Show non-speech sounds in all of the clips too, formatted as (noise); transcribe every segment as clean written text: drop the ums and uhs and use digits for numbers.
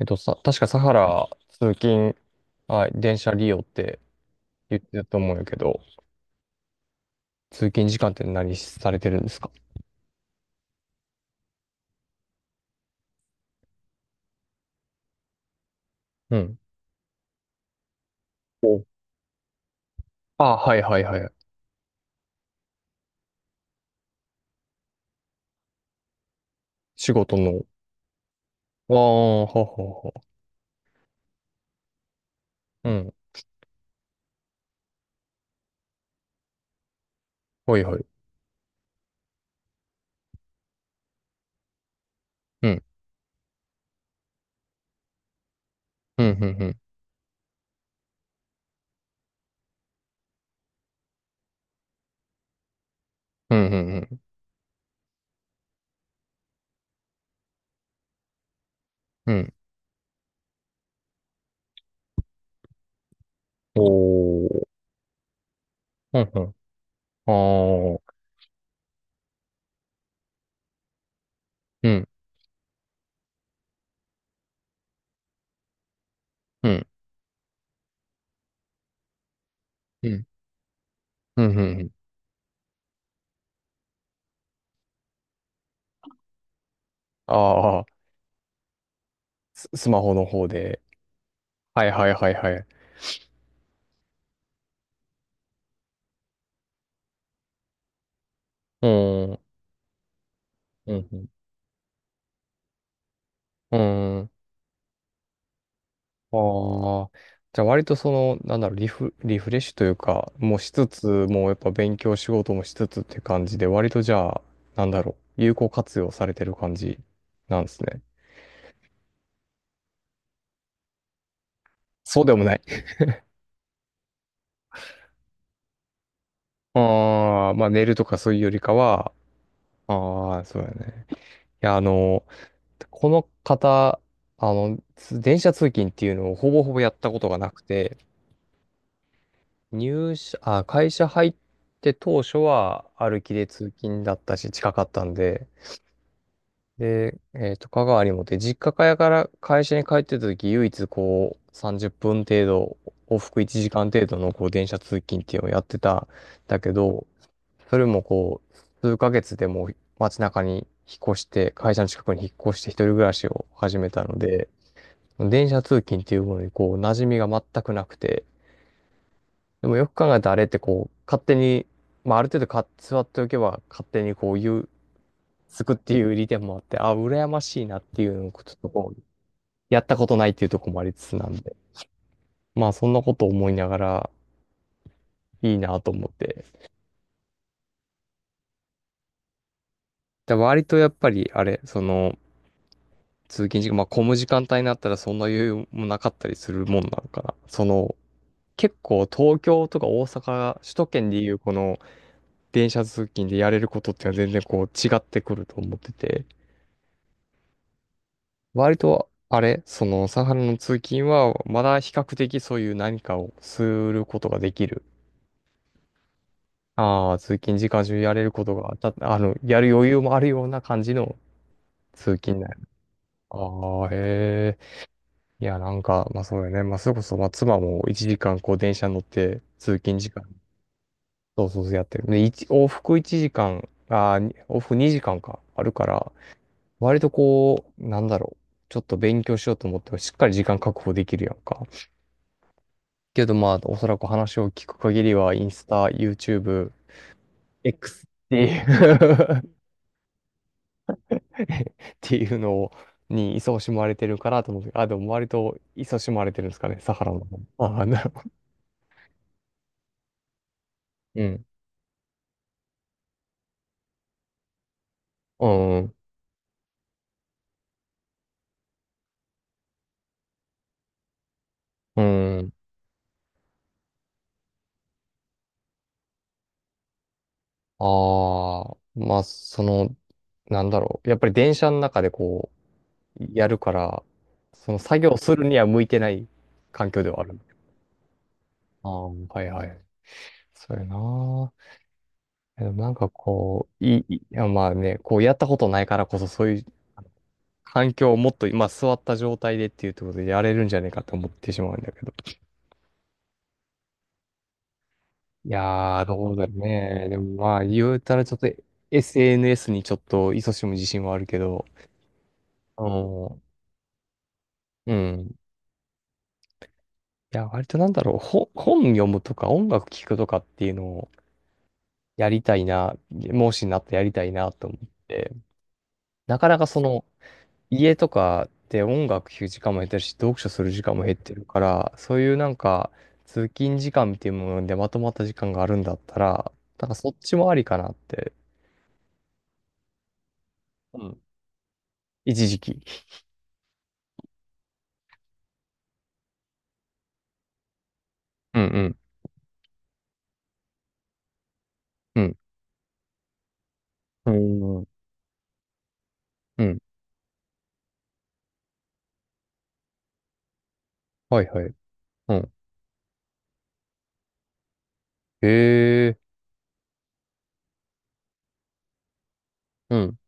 確かサハラ通勤、はい、電車利用って言ってたと思うんやけど、通勤時間って何されてるんですか？うん。お、あ、はいはいはい。仕事の。ああ、ははは。うん。はいはい。うん。うん、うん、うん。うん、うん、うん。うん、おー。うん、うん。ああ。うん、うん、うん、うん、うん。うん、ああ、ススマホの方で。はいはいはいはい。うーん、うん、うん。う、ああ、じゃあ割とその、なんだろう、リフレッシュというか、もうしつつ、もうやっぱ勉強仕事もしつつって感じで、割とじゃあ、なんだろう、有効活用されてる感じなんですね。そうでもない。(laughs) ああ、まあ寝るとかそういうよりかは、ああ、そうだね。いや、あの、この方、つ電車通勤っていうのをほぼほぼやったことがなくて、入社、あ、会社入って当初は歩きで通勤だったし、近かったんで、で、香川にもって、実家から会社に帰ってた時、唯一こう、30分程度、往復1時間程度のこう、電車通勤っていうのをやってたんだけど、それもこう、数ヶ月でもう街中に引っ越して、会社の近くに引っ越して一人暮らしを始めたので、電車通勤っていうものにこう、馴染みが全くなくて、でもよく考えたらあれってこう、勝手に、まあ、ある程度か座っておけば勝手にこう、ゆつくっていう利点もあって、あ、羨ましいなっていうのをちょっとこう、やったことないっていうところもありつつなんで、まあそんなことを思いながらいいなと思って。で割とやっぱりあれ、その、通勤時間、まあ混む時間帯になったらそんな余裕もなかったりするもんなのかな。その、結構東京とか大阪、首都圏でいうこの電車通勤でやれることっていうのは全然こう違ってくると思ってて、割とあれ、そのサハラの通勤はまだ比較的そういう何かをすることができる、ああ、通勤時間中やれることが、た、あの、やる余裕もあるような感じの通勤だよ。ああ、へえ。いや、なんか、まあそうよね。まあそれこそ、まあ妻も1時間こう電車乗って通勤時間、そうそうそうやってる。で、一往復1時間、ああ、に往復2時間か、あるから、割とこう、なんだろう。ちょっと勉強しようと思っても、しっかり時間確保できるやんか。けどまあ、おそらく話を聞く限りは、インスタ、YouTube、X っていうっていうのを、に勤しまれてるからと思うてであ、でも割と勤しまれてるんですかね、サハラの方。ああ、なるほど。うん。うん。うん。ああ、まあ、その、なんだろう。やっぱり電車の中でこう、やるから、その作業するには向いてない環境ではある。ああ、はいはい。そうやな。でもなんかこう、いい、いやまあね、こうやったことないからこそそういう環境をもっと今座った状態でっていうところでやれるんじゃねえかと思ってしまうんだけど。いやー、どうだろうね。でもまあ、言うたらちょっと SNS にちょっと勤しむ自信はあるけど、うん。うん。いや、割となんだろう、本読むとか音楽聴くとかっていうのをやりたいな、もしなったらやりたいなと思って、なかなかその、家とかで音楽聴く時間も減ってるし、読書する時間も減ってるから、そういうなんか、通勤時間っていうものでまとまった時間があるんだったら、なんかそっちもありかなって、うん。一時期。うんうん。うん。うーん。うん。はいはい。うん。へえ。うん。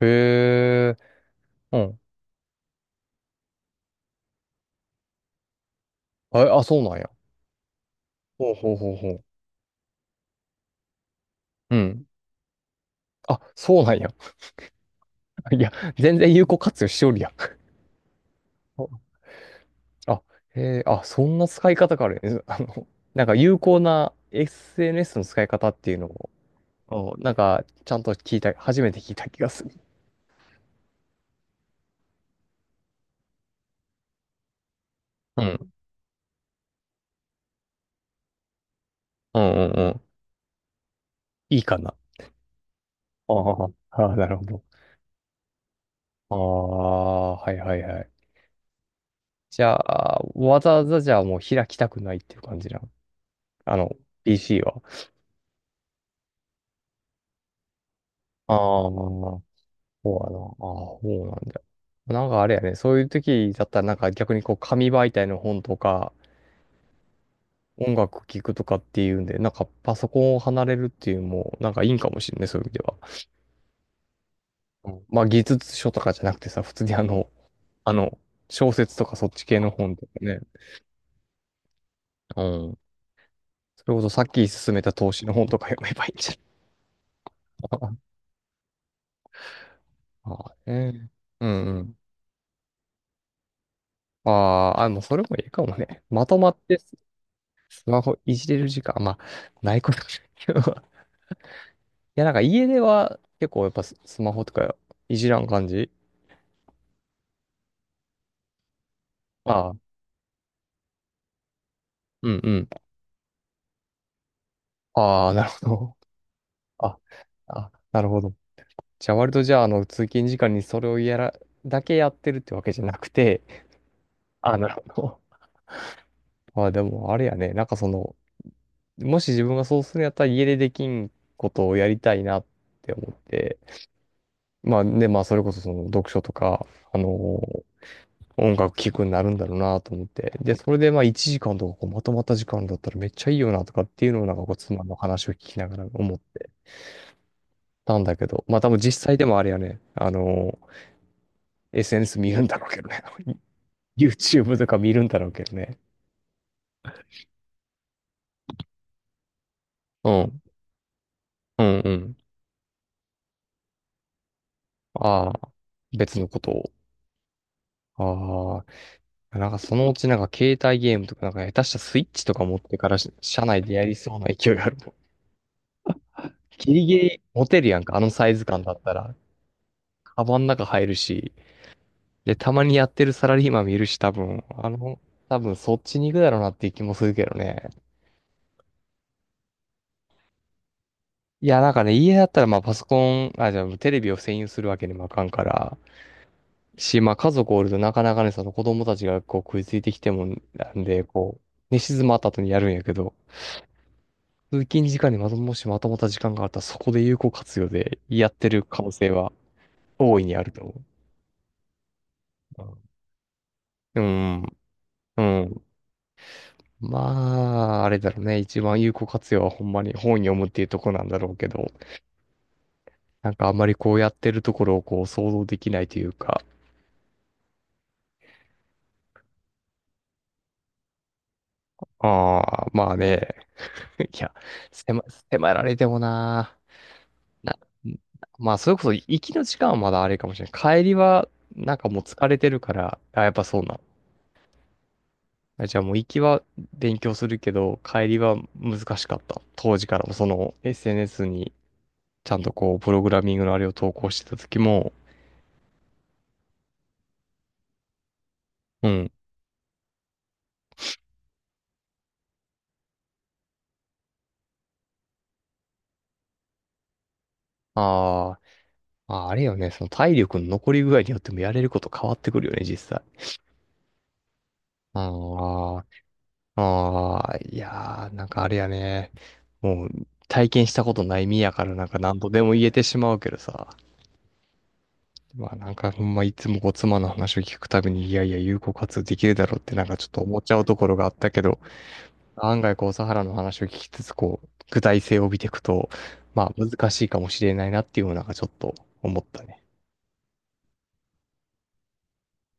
へえ。うん。あ、あ、そうなんや。ほうほうほうほう。うん。あ、そうなんや。(laughs) いや、全然有効活用しおるやん。(laughs) あ、へえ、あ、そんな使い方があるんです。(laughs) あの、なんか有効な SNS の使い方っていうのを、お、なんか、ちゃんと聞いた、初めて聞いた気がする。うん。うんうんうん。いいかな。あー、あー、なるほど。ああ、はいはいはい。じゃあ、わざわざじゃあもう開きたくないっていう感じなの。あの、PC は。ああ、そうやな。ああ、そうなんだ。なんかあれやね、そういう時だったらなんか逆にこう紙媒体の本とか、音楽聴くとかっていうんで、なんかパソコンを離れるっていうのも、なんかいいんかもしれない、そういう意味では。うん、まあ技術書とかじゃなくてさ、普通にあの、小説とかそっち系の本とかね。うん。それこそさっき勧めた投資の本とか読めばいいんじゃないかな。 (laughs) ああ、ね。うんうん。ああ、あ、もうそれもいいかもね。まとまってスマホいじれる時間、まあ、ないことないけど。(laughs) いや、なんか家では結構やっぱススマホとかいじらん感じ、ああ、うんうん。ああ、なるほど。あ、あ、なるほど。じゃあ割とじゃあ、あの、通勤時間にそれをやら、だけやってるってわけじゃなくて、(laughs) あ、なるほど。まあでも、あれやね、なんかその、もし自分がそうするんやったら家でできんことをやりたいなって思って、まあで、まあそれこそその読書とか、あの音楽聴くになるんだろうなと思って。で、それでまあ1時間とかこうまとまった時間だったらめっちゃいいよなとかっていうのをなんかこう妻の話を聞きながら思ってたんだけど、まあ多分実際でもあれやね、あの SNS 見るんだろうけどね。(laughs) YouTube とか見るんだろうけどね。うん。うんうん。ああ、別のことを。ああ、なんかそのうちなんか携帯ゲームとかなんか下手したスイッチとか持ってからし車内でやりそうな勢いがあるもん。(laughs) ギリギリ持てるやんか、あのサイズ感だったら。カバンの中入るし。で、たまにやってるサラリーマン見るし、多分、あの、多分そっちに行くだろうなっていう気もするけどね。いや、なんかね、家だったらまあパソコン、あ、じゃあテレビを占有するわけにもあかんから、し、まあ家族おるとなかなかね、その子供たちがこう食いついてきてもなんで、こう、寝静まった後にやるんやけど、通勤時間にまとも、しまとまった時間があったらそこで有効活用でやってる可能性は大いにあると思う。うん、うん。うん、まあ、あれだろうね。一番有効活用はほんまに本読むっていうとこなんだろうけど、なんかあんまりこうやってるところをこう想像できないというか、ああ、まあね。(laughs) いや、迫、迫られてもな、な、まあ、それこそ行きの時間はまだあれかもしれない。帰りは、なんかもう疲れてるから、あ、やっぱそうなの。あ、じゃあもう行きは勉強するけど、帰りは難しかった。当時からもその SNS にちゃんとこう、プログラミングのあれを投稿してた時も、うん。あー、まあ、あれよね、その体力の残り具合によってもやれること変わってくるよね、実際。ああ、ああ、いやー、なんかあれやね。もう体験したことない身やからなんか何度でも言えてしまうけどさ。まあなんかほんまいつもこう妻の話を聞くたびに、いやいや有効活用できるだろうってなんかちょっと思っちゃうところがあったけど、案外こうサハラの話を聞きつつ、こう具体性を帯びていくと、まあ難しいかもしれないなっていうのがちょっと思ったね。